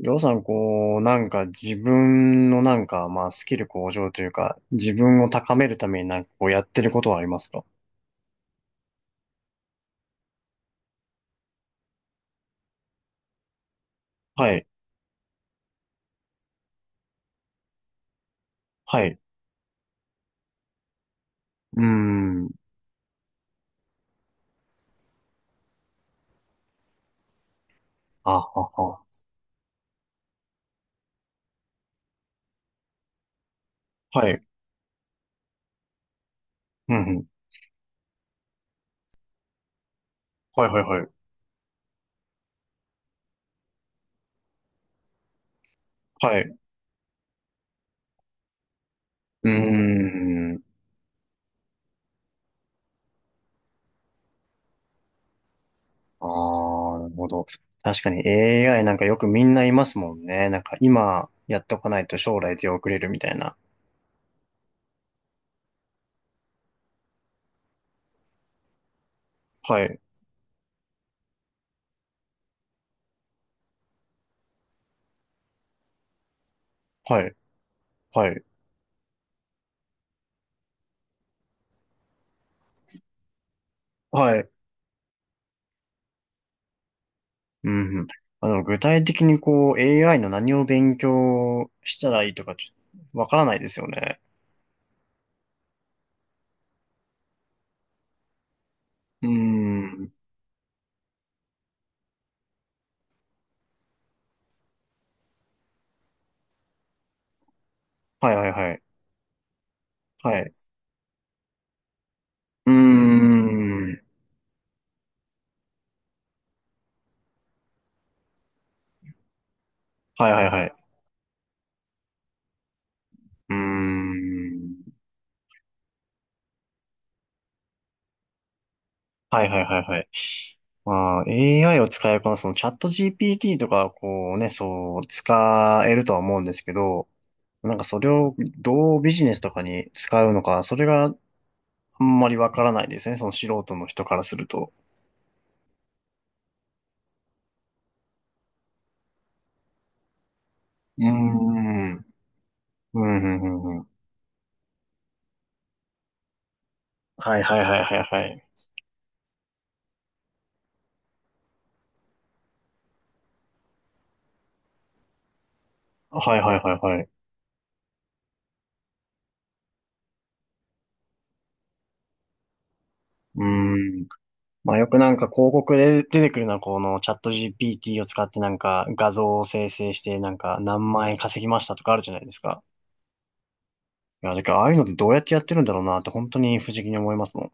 りょうさん、こう、なんか自分のなんか、まあ、スキル向上というか、自分を高めるためになんかこうやってることはありますか？はい。はい。うーん。あ、あ、あ。はい。うん、うん。はい、はい、はい。はい。うーん。ああ、なるほど。確かに AI なんかよくみんないますもんね。なんか今やっとかないと将来出遅れるみたいな。はい。はい。はい。はい。うんうん。あの、具体的にこう、AI の何を勉強したらいいとか、ちょっとわからないですよね。うーん。はいはいはい。はい。うーん。はいはいはい。うーん。はいはいはいはい。まあ、AI を使えば、そのチャット GPT とか、こうね、そう、使えるとは思うんですけど、なんかそれをどうビジネスとかに使うのか、それがあんまりわからないですね。その素人の人からすると。うーん。うん、うん、うん。うんはいはいはいはいはい。はいはいはいはい。うーん。まあよくなんか広告で出てくるのはこのチャット GPT を使ってなんか画像を生成してなんか何万円稼ぎましたとかあるじゃないですか。いや、だからああいうのってどうやってやってるんだろうなって本当に不思議に思いますもん。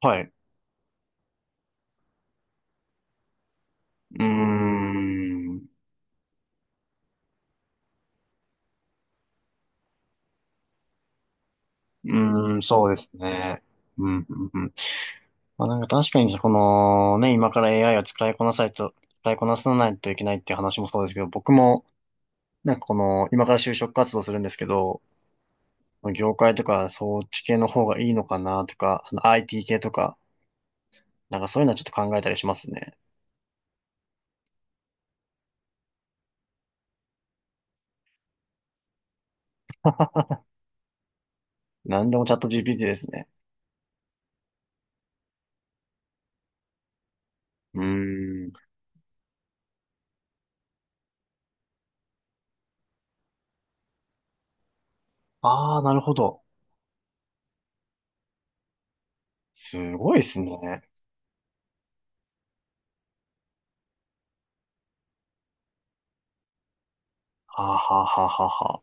はい。うーん。うーん、そうですね。うん、うん、うん。まあなんか確かにこのね、今から AI を使いこなさないといけないっていう話もそうですけど、僕もなんかこの、今から就職活動するんですけど、業界とかそっち系の方がいいのかなとか、その IT 系とか、なんかそういうのはちょっと考えたりしますね。なんでもチャット GPT ですね。うーん。ああ、なるほど。すごいですね。はあ、はあはあはあはあ。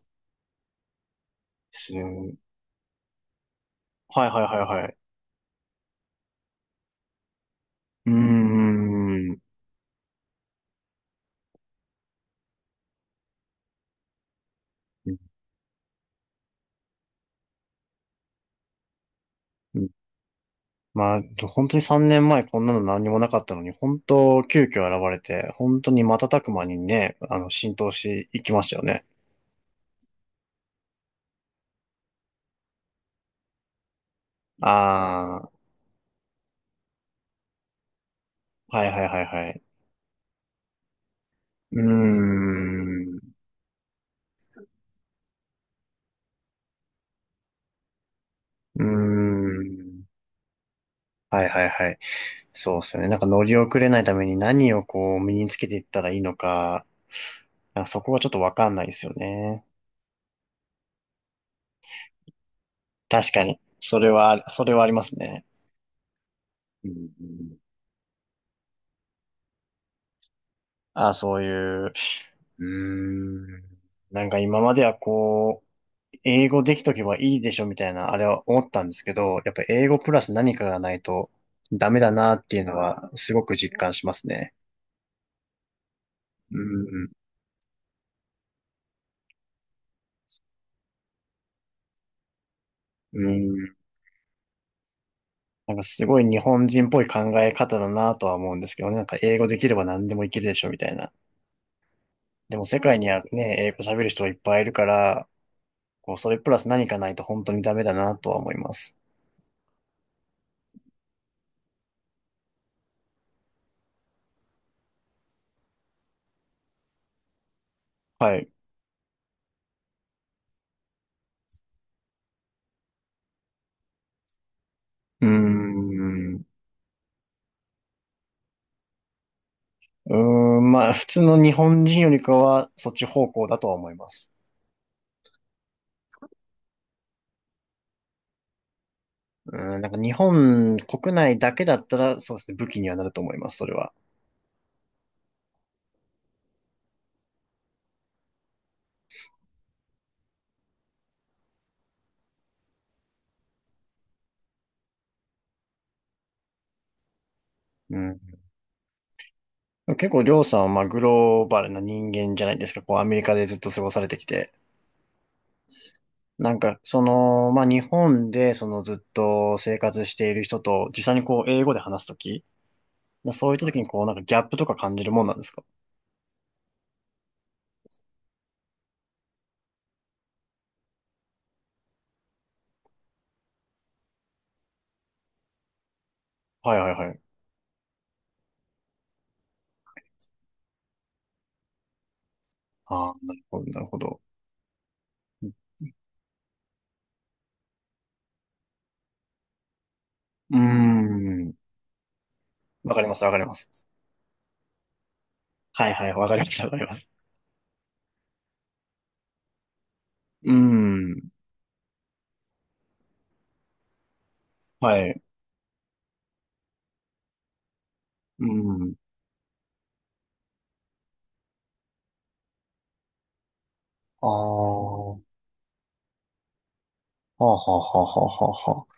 すごい。はいはいはいはい。うーん。うんうん。まあ、本当に3年前こんなの何にもなかったのに、本当急遽現れて、本当に瞬く間にね、あの、浸透していきましたよね。あはいはいはいはい。うーん。うーん。はいはいはい。そうですよね。なんか乗り遅れないために何をこう身につけていったらいいのか、なんかそこはちょっとわかんないですよね。確かに。それはありますね。うんうん。あ、そういう、うーん。なんか今まではこう、英語できとけばいいでしょみたいな、あれは思ったんですけど、やっぱ英語プラス何かがないとダメだなっていうのはすごく実感しますね。うん、うん。なんかすごい日本人っぽい考え方だなとは思うんですけどね。なんか英語できれば何でもいけるでしょみたいな。でも世界にはね、英語喋る人がいっぱいいるから、こう、それプラス何かないと本当にダメだなとは思います。はい。うーん。うーん、まあ、普通の日本人よりかは、そっち方向だとは思います。うーん、なんか日本国内だけだったら、そうですね、武器にはなると思います、それは。うん。結構、りょうさんは、まあ、グローバルな人間じゃないですか。こう、アメリカでずっと過ごされてきて。なんか、その、まあ、日本で、そのずっと生活している人と、実際にこう、英語で話すとき、そういったときにこう、なんかギャップとか感じるもんなんですか？はいはいはい。ああ、なるほど、なるほど。うーん。わかります、わかります。はいはい、わかります、わかります。うーん。はい。うーん。ああ、はあはあはあはあはあ。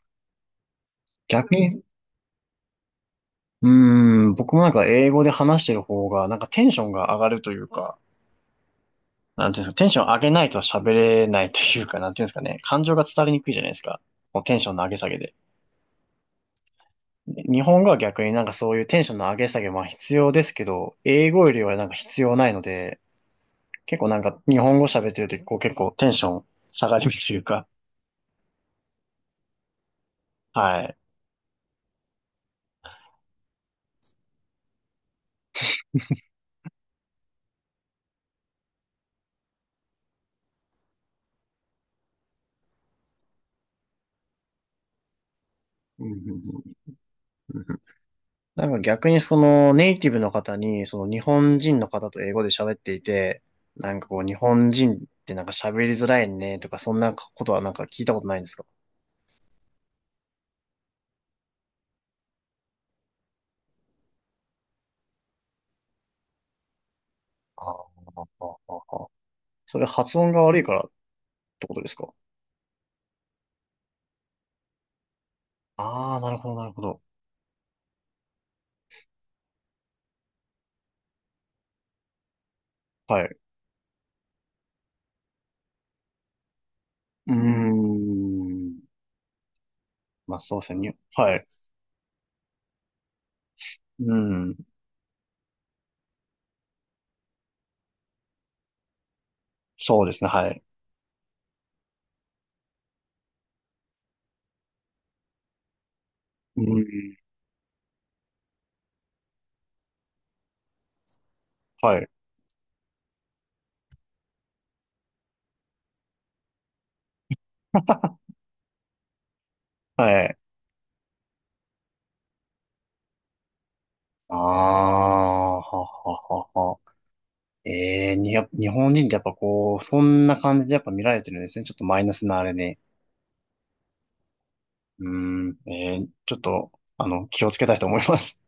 逆に、うーん、僕もなんか英語で話してる方が、なんかテンションが上がるというか、なんていうんですか、テンション上げないと喋れないというか、なんていうんですかね、感情が伝わりにくいじゃないですか。このテンションの上げ下げで。で日本語は逆になんかそういうテンションの上げ下げ、は必要ですけど、英語よりはなんか必要ないので、結構なんか日本語喋ってるときこう結構テンション下がるというか、はい。うんうんうん。なんか逆にそのネイティブの方に、その日本人の方と英語で喋っていて、なんかこう日本人ってなんか喋りづらいねとかそんなことはなんか聞いたことないんですか？ああ、ああ、ああ。それ発音が悪いからってことですか？ああ、なるほど、なるほど。はい。うーん。まあ、そうですね。はい。うん。そうですね、はい。うん。はい。はい。ああ、はははは。ええに、やっぱ日本人ってやっぱこう、そんな感じでやっぱ見られてるんですね。ちょっとマイナスなあれで。うん。ええちょっと、あの、気をつけたいと思います。